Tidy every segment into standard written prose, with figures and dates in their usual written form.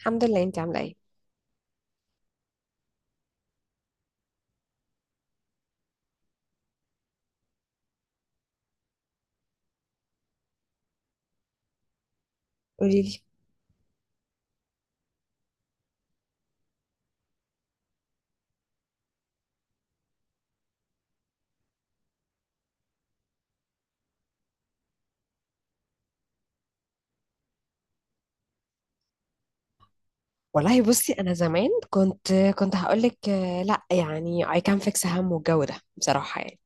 الحمد لله، انت عامله ايه؟ قولي لي. والله بصي، انا زمان كنت هقول لك لا، يعني I can fix هم والجو ده بصراحه، يعني.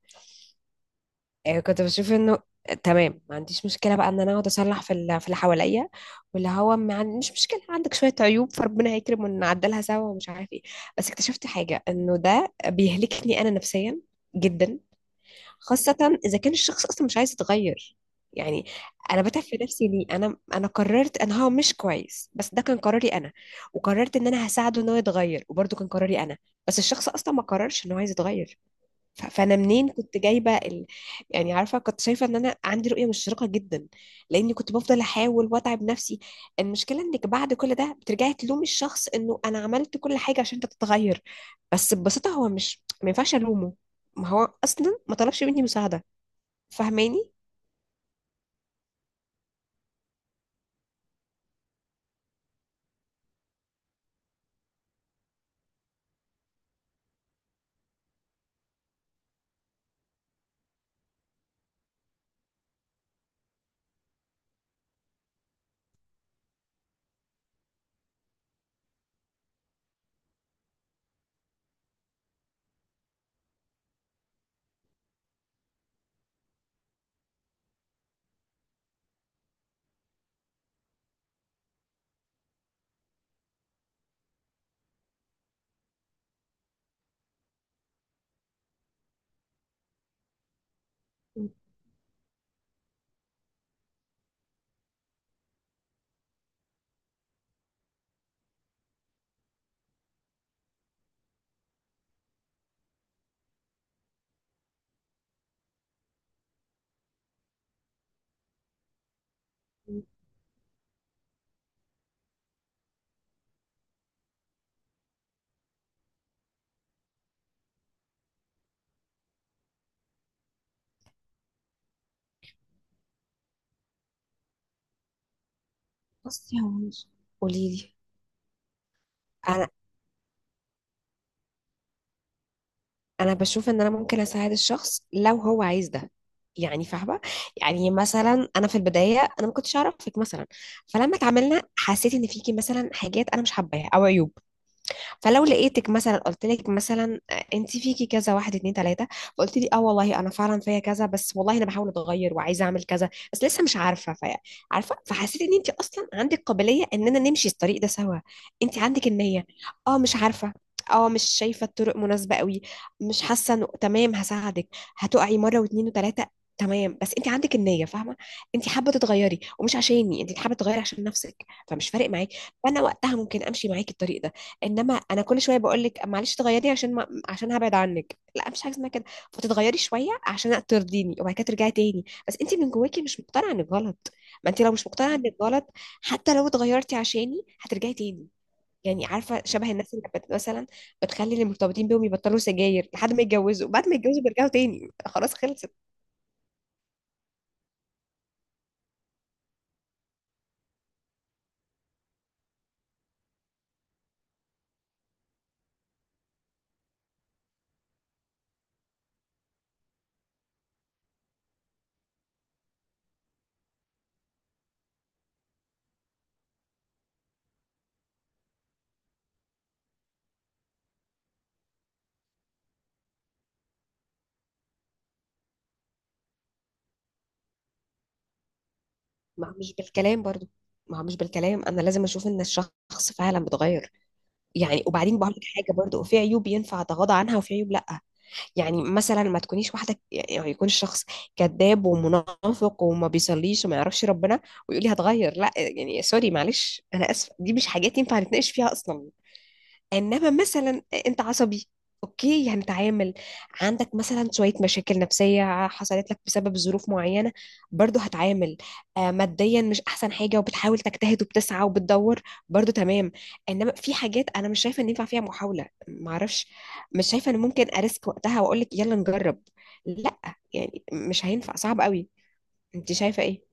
كنت بشوف انه تمام. ما عنديش مشكله بقى ان انا اقعد اصلح في اللي حواليا، واللي هو ما عن- مش مشكله عندك شويه عيوب، فربنا هيكرم ونعدلها سوا ومش عارف ايه. بس اكتشفت حاجه انه ده بيهلكني انا نفسيا جدا، خاصة إذا كان الشخص أصلا مش عايز يتغير، يعني. أنا بتعب في نفسي ليه؟ أنا قررت إن هو مش كويس، بس ده كان قراري أنا، وقررت إن أنا هساعده إن هو يتغير، وبرضه كان قراري أنا، بس الشخص أصلا ما قررش إن هو عايز يتغير. فانا منين كنت جايبه. يعني عارفه، كنت شايفه ان انا عندي رؤيه مشرقه جدا لاني كنت بفضل احاول واتعب نفسي. المشكله انك بعد كل ده بترجعي تلومي الشخص انه انا عملت كل حاجه عشان انت تتغير، بس ببساطه هو مش ما ينفعش الومه، ما هو اصلا ما طلبش مني مساعده. فاهماني؟ بصي هو مش قولي لي. انا انا بشوف ان انا ممكن اساعد الشخص لو هو عايز ده، يعني فاهمه. يعني مثلا انا في البدايه انا ما كنتش اعرفك مثلا، فلما اتعاملنا حسيت ان فيكي مثلا حاجات انا مش حباها او عيوب. فلو لقيتك مثلا قلت لك مثلا انت فيكي كذا واحد اتنين تلاته، فقلت لي اه والله انا فعلا فيا كذا، بس والله انا بحاول اتغير وعايزه اعمل كذا، بس لسه مش عارفه فيا عارفه. فحسيت ان انت اصلا عندك قابليه اننا نمشي الطريق ده سوا، انت عندك النيه. اه مش عارفه، اه مش شايفه الطرق مناسبه قوي، مش حاسه انه تمام. هساعدك، هتقعي مره واتنين وتلاته، تمام. بس انت عندك النيه، فاهمه. انت حابه تتغيري، ومش عشاني انت حابه تتغيري، عشان نفسك، فمش فارق معاكي. فانا وقتها ممكن امشي معاكي الطريق ده. انما انا كل شويه بقول لك معلش تغيري عشان ما... عشان هبعد عنك، لا، مفيش حاجه اسمها كده. فتتغيري شويه عشان ترضيني، وبعد كده ترجعي تاني، بس انت من جواكي مش مقتنعه انك غلط. ما انت لو مش مقتنعه انك غلط، حتى لو اتغيرتي عشاني هترجعي تاني. يعني عارفه، شبه الناس اللي مثلا بتخلي اللي مرتبطين بيهم يبطلوا سجاير لحد ما يتجوزوا، بعد ما يتجوزوا بيرجعوا تاني، خلاص خلصت. ما هو مش بالكلام برضو، ما هو مش بالكلام، انا لازم اشوف ان الشخص فعلا بيتغير. يعني وبعدين بقول لك حاجه برضو، في عيوب ينفع اتغاضى عنها وفي عيوب لا. يعني مثلا ما تكونيش واحده، يعني يكون الشخص كذاب ومنافق وما بيصليش وما يعرفش ربنا، ويقول لي هتغير، لا يعني سوري معلش انا اسفه، دي مش حاجات ينفع نتناقش فيها اصلا. انما مثلا انت عصبي، اوكي هنتعامل. عندك مثلا شويه مشاكل نفسيه حصلت لك بسبب ظروف معينه، برضو هتعامل. ماديا مش احسن حاجه وبتحاول تجتهد وبتسعى وبتدور، برضو تمام. انما في حاجات انا مش شايفه ان ينفع فيها محاوله، معرفش، مش شايفه ان ممكن اريسك وقتها واقول لك يلا نجرب، لا، يعني مش هينفع، صعب قوي. انت شايفه ايه؟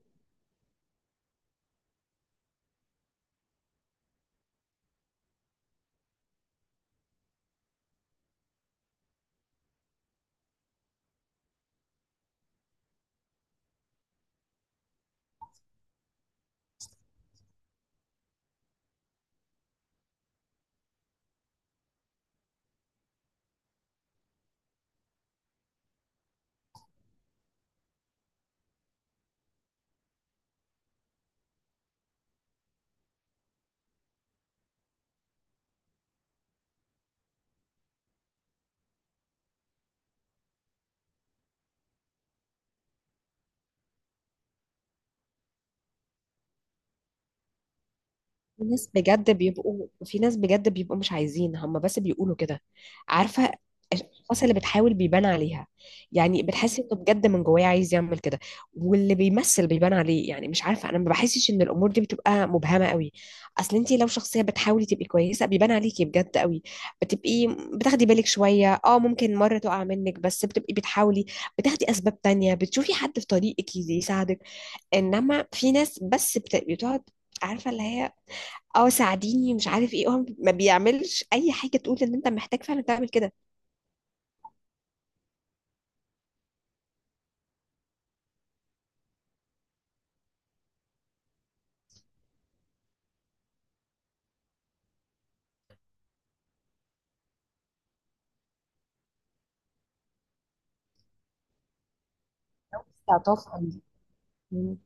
في ناس بجد بيبقوا، في ناس بجد بيبقوا مش عايزين هم بس بيقولوا كده، عارفة. الأشخاص اللي بتحاول بيبان عليها، يعني بتحس إنه بجد من جواه عايز يعمل كده، واللي بيمثل بيبان عليه. يعني مش عارفة، أنا ما بحسش إن الأمور دي بتبقى مبهمة قوي. أصل أنت لو شخصية بتحاولي تبقي كويسة بيبان عليكي بجد قوي، بتبقي بتاخدي بالك شوية، أه ممكن مرة تقع منك بس بتبقي بتحاولي، بتاخدي أسباب تانية، بتشوفي حد في طريقك يساعدك. إنما في ناس بس بتقعد، عارفة، اللي هي اه ساعديني مش عارف ايه، هو ما بيعملش اي حاجه تقول ان انت محتاج فعلا تعمل كده. استعطاف عندي. مم.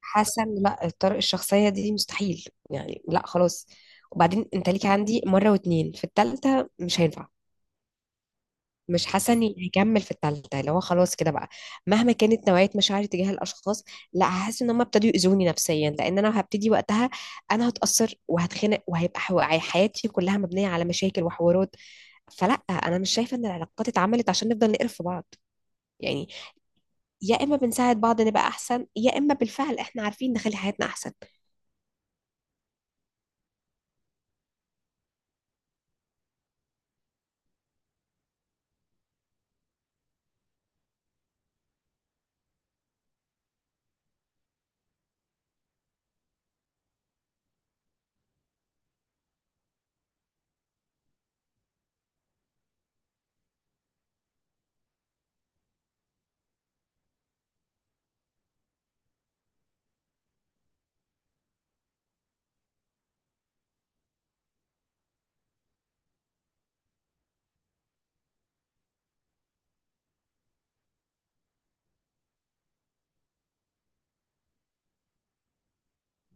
حاسه ان لا، الطرق الشخصيه دي مستحيل، يعني لا خلاص. وبعدين انت ليك عندي مره واتنين، في التالتة مش هينفع. مش حاسه اني هكمل في التالتة، اللي هو خلاص كده بقى، مهما كانت نوعيه مشاعري تجاه الاشخاص، لا، هحس ان هم ابتدوا يؤذوني نفسيا. لان انا هبتدي وقتها انا هتاثر وهتخنق وهيبقى حياتي كلها مبنيه على مشاكل وحوارات. فلا، انا مش شايفه ان العلاقات اتعملت عشان نفضل نقرف في بعض، يعني يا اما بنساعد بعض نبقى احسن، يا اما بالفعل احنا عارفين نخلي حياتنا احسن.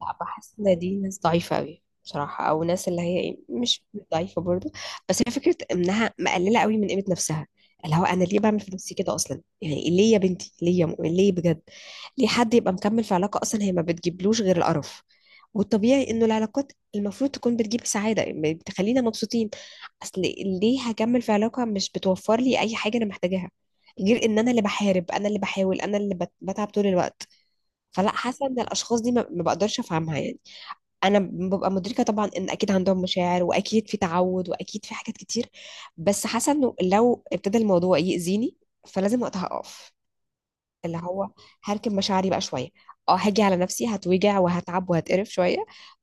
لا، بحس ان دي ناس ضعيفة قوي بصراحة، او ناس اللي هي مش ضعيفة برضو، بس هي فكرة انها مقللة قوي من قيمة نفسها، اللي هو انا ليه بعمل في نفسي كده اصلا، يعني ليه يا بنتي، ليه يا مؤمن، ليه بجد؟ ليه حد يبقى مكمل في علاقة اصلا هي ما بتجيبلوش غير القرف؟ والطبيعي انه العلاقات المفروض تكون بتجيب سعادة، يعني بتخلينا مبسوطين. اصل ليه هكمل في علاقة مش بتوفر لي اي حاجة انا محتاجاها، غير ان انا اللي بحارب، انا اللي بحاول، انا اللي بتعب طول الوقت. فلا، حاسه ان الاشخاص دي ما بقدرش افهمها، يعني انا ببقى مدركه طبعا ان اكيد عندهم مشاعر واكيد في تعود واكيد في حاجات كتير، بس حاسه انه لو ابتدى الموضوع يأذيني فلازم وقتها اقف، اللي هو هركب مشاعري بقى شويه، اه هاجي على نفسي، هتوجع وهتعب وهتقرف شويه،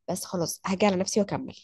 بس خلاص هاجي على نفسي واكمل.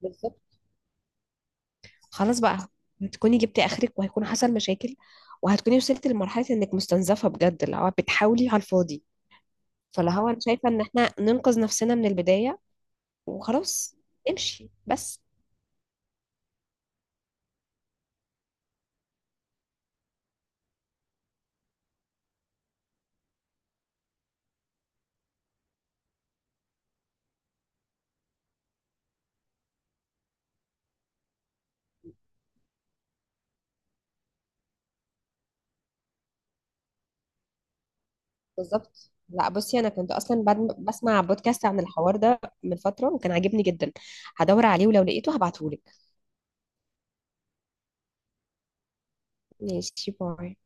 بالظبط خلاص بقى، هتكوني جبتي اخرك وهيكون حصل مشاكل، وهتكوني وصلت لمرحله انك مستنزفه بجد، اللي هو بتحاولي على الفاضي. فاللي هو انا شايفه ان احنا ننقذ نفسنا من البدايه وخلاص، امشي بس. بالظبط، لا بصي، انا كنت اصلا بعد بسمع بودكاست عن الحوار ده من فتره وكان عاجبني جدا، هدور عليه ولو لقيته هبعتهولك. ماشي، باي.